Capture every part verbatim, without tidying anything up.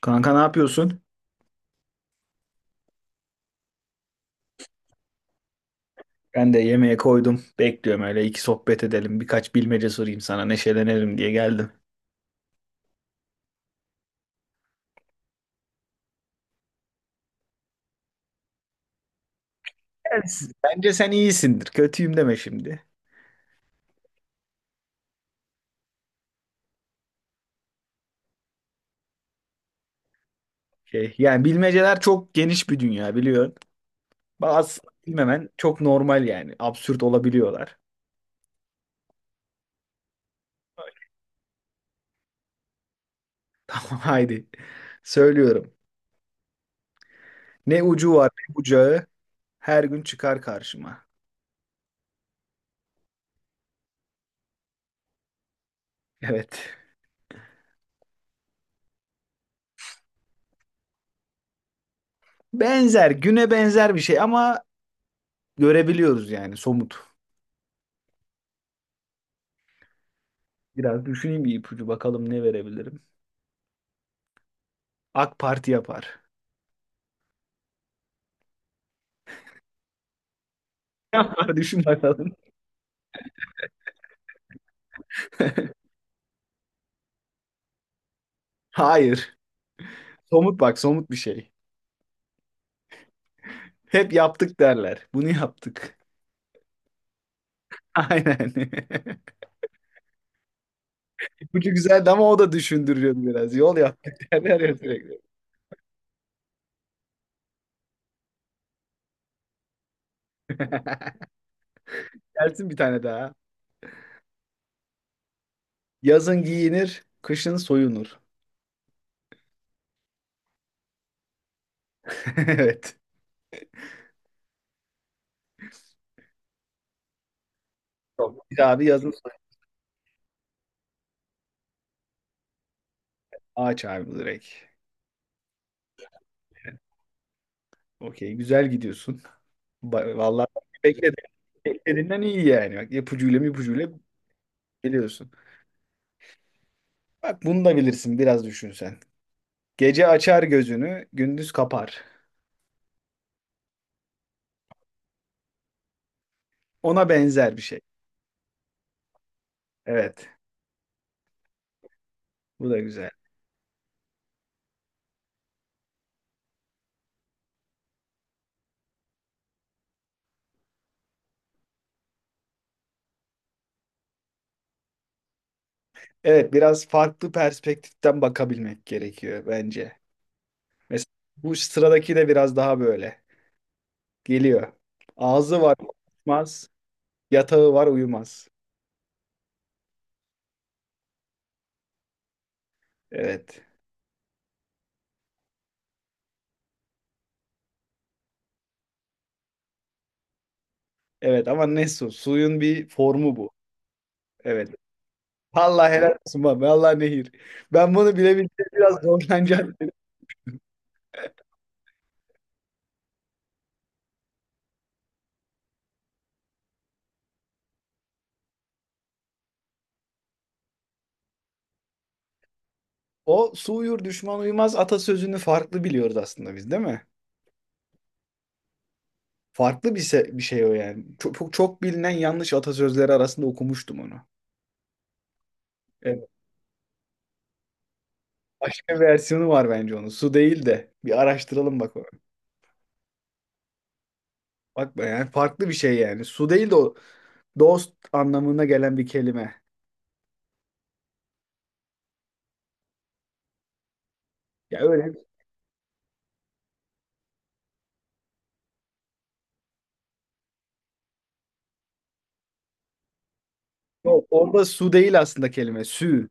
Kanka ne yapıyorsun? Ben de yemeğe koydum. Bekliyorum öyle iki sohbet edelim. Birkaç bilmece sorayım sana neşelenelim diye geldim. Yani siz- bence sen iyisindir. Kötüyüm deme şimdi. Şey, yani bilmeceler çok geniş bir dünya biliyorsun. Bazı bilmemen çok normal yani. Absürt olabiliyorlar. Tamam haydi. Söylüyorum. Ne ucu var ne bucağı her gün çıkar karşıma. Evet. Benzer güne benzer bir şey ama görebiliyoruz yani somut. Biraz düşüneyim bir ipucu bakalım ne verebilirim. AK Parti yapar. Var düşün bakalım. Hayır. Somut bak somut bir şey. Hep yaptık derler. Bunu yaptık. Aynen. İpucu güzeldi ama o da düşündürüyordu biraz. Yol yaptık derler ya sürekli. Gelsin bir tane daha. Yazın giyinir, kışın soyunur. Evet. Çok. Bir abi yazın soyunur. Ağaç abi direkt. Okey güzel gidiyorsun. Ba- Vallahi bekledim. Beklediğinden iyi yani. Bak ipucuyla ipucuyla biliyorsun. Bak bunu da bilirsin biraz düşün sen. Gece açar gözünü, gündüz kapar. Ona benzer bir şey. Evet, bu da güzel. Evet, biraz farklı perspektiften bakabilmek gerekiyor bence. Mesela bu sıradaki de biraz daha böyle. Geliyor. Ağzı var konuşmaz, yatağı var uyumaz. Evet. Evet ama ne su? Suyun bir formu bu. Evet. Allah helal olsun baba. Allah nehir. Ben bunu bilebilsem biraz zorlanacağım. O su uyur düşman uyumaz atasözünü farklı biliyoruz aslında biz değil mi? Farklı bir, se- bir şey o yani. Çok, çok, çok bilinen yanlış atasözleri arasında okumuştum onu. Evet, başka bir versiyonu var bence onun. Su değil de. Bir araştıralım bak onu. Bak be yani farklı bir şey yani. Su değil de o dost anlamına gelen bir kelime. Ya öyle. O, orada su değil aslında kelime. Sü.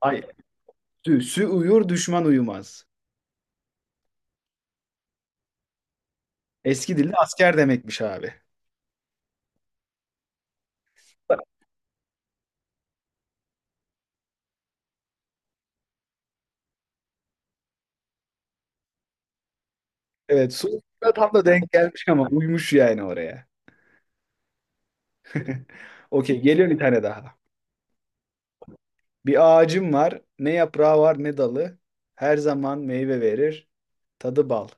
Hayır. Sü. Sü uyur düşman uyumaz. Eski dilde asker demekmiş abi. Evet su da tam da denk gelmiş ama uymuş yani oraya. Okey geliyor bir tane daha. Bir ağacım var. Ne yaprağı var ne dalı. Her zaman meyve verir. Tadı bal.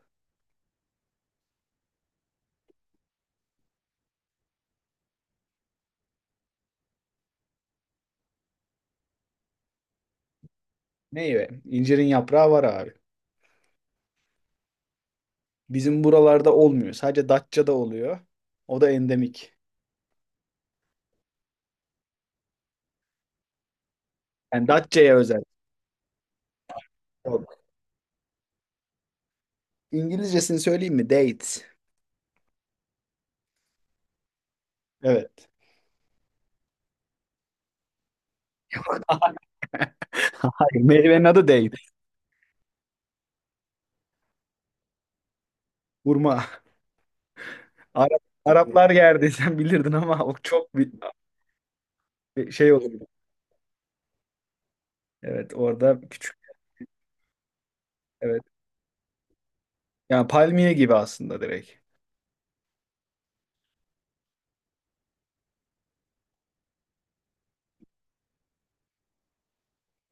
Meyve. İncirin yaprağı var abi. Bizim buralarda olmuyor. Sadece Datça'da oluyor. O da endemik. Yani Datça'ya özel. Yok. İngilizcesini söyleyeyim mi? Date. Evet. Hayır, meyvenin adı date. Hurma. Arap, Araplar yerdi sen bilirdin ama o çok bir bir şey olur. Evet, orada küçük. Evet. Yani palmiye gibi aslında direkt.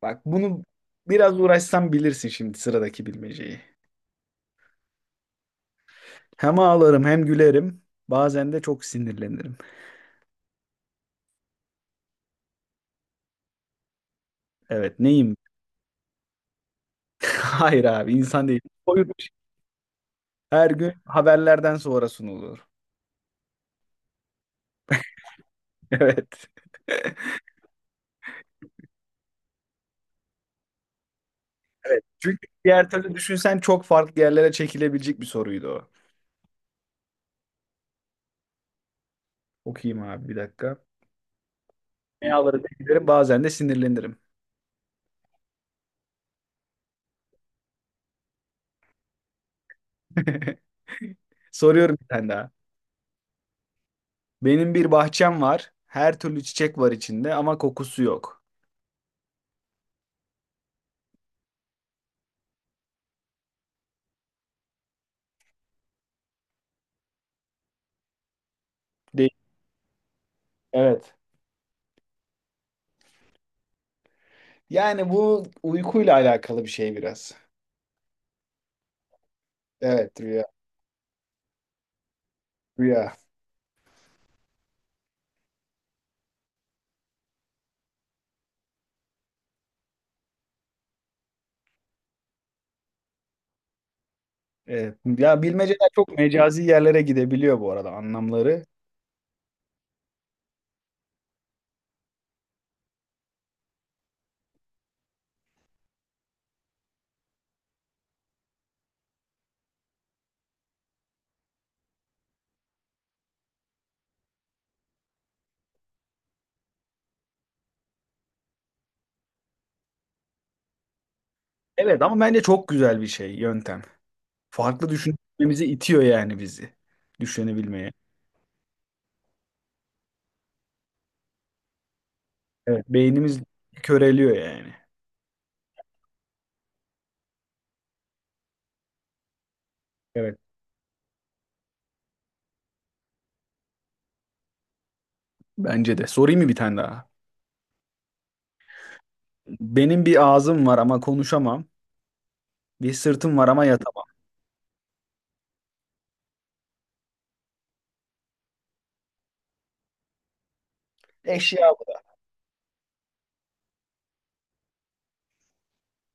Bak bunu biraz uğraşsam bilirsin şimdi sıradaki bilmeceyi. Hem ağlarım hem gülerim. Bazen de çok sinirlenirim. Evet neyim? Hayır abi insan değil. Koyulmuş. Her gün haberlerden sonra sunulur. Evet. Evet. Çünkü diğer türlü düşünsen çok farklı yerlere çekilebilecek bir soruydu o. Okuyayım abi bir dakika. Ne ağlarım ne gülerim bazen de sinirlenirim. Soruyorum bir tane daha. Benim bir bahçem var. Her türlü çiçek var içinde ama kokusu yok. Değil. Evet. Yani bu uykuyla alakalı bir şey biraz. Evet rüya. Rüya. Evet. Ya bilmeceler çok mecazi yerlere gidebiliyor bu arada anlamları. Evet ama bence çok güzel bir şey yöntem. Farklı düşünmemizi itiyor yani bizi. Düşünebilmeye. Evet. Beynimiz köreliyor yani. Evet. Bence de. Sorayım mı bir tane daha? Benim bir ağzım var ama konuşamam. Bir sırtım var ama yatamam. Eşya bu da.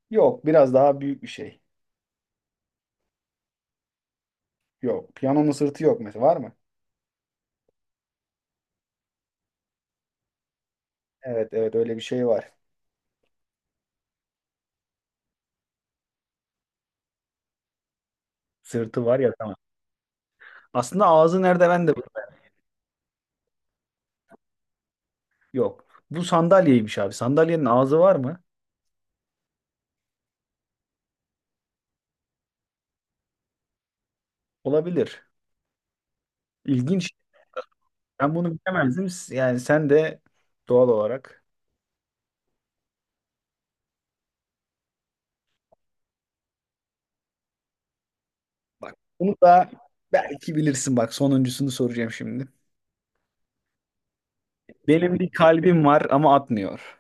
Yok biraz daha büyük bir şey. Yok. Piyanonun sırtı yok mesela. Var mı? Evet evet öyle bir şey var. Sırtı var yatamam. Aslında ağzı nerede ben de bilmiyorum. Yok. Bu sandalyeymiş abi. Sandalyenin ağzı var mı? Olabilir. İlginç. Ben bunu bilemezdim. Yani sen de doğal olarak. Bak bunu da belki bilirsin. Bak sonuncusunu soracağım şimdi. Benim bir kalbim var ama atmıyor.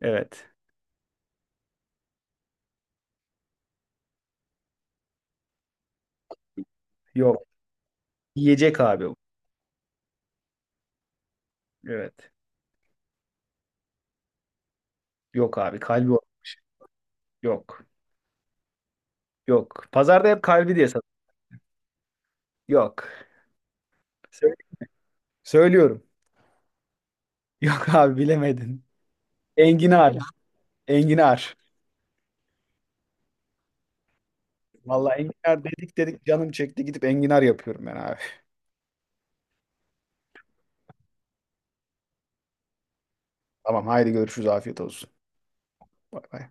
Evet. Yok. Yiyecek abi. Bu. Evet. Yok abi. Kalbi o- yok. Yok. Pazarda hep kalbi diye satıyor. Yok. Sö- Söylüyorum. Yok abi bilemedin. Enginar. Enginar. Vallahi enginar dedik dedik canım çekti gidip enginar yapıyorum ben abi. Tamam haydi görüşürüz afiyet olsun. Bay bay.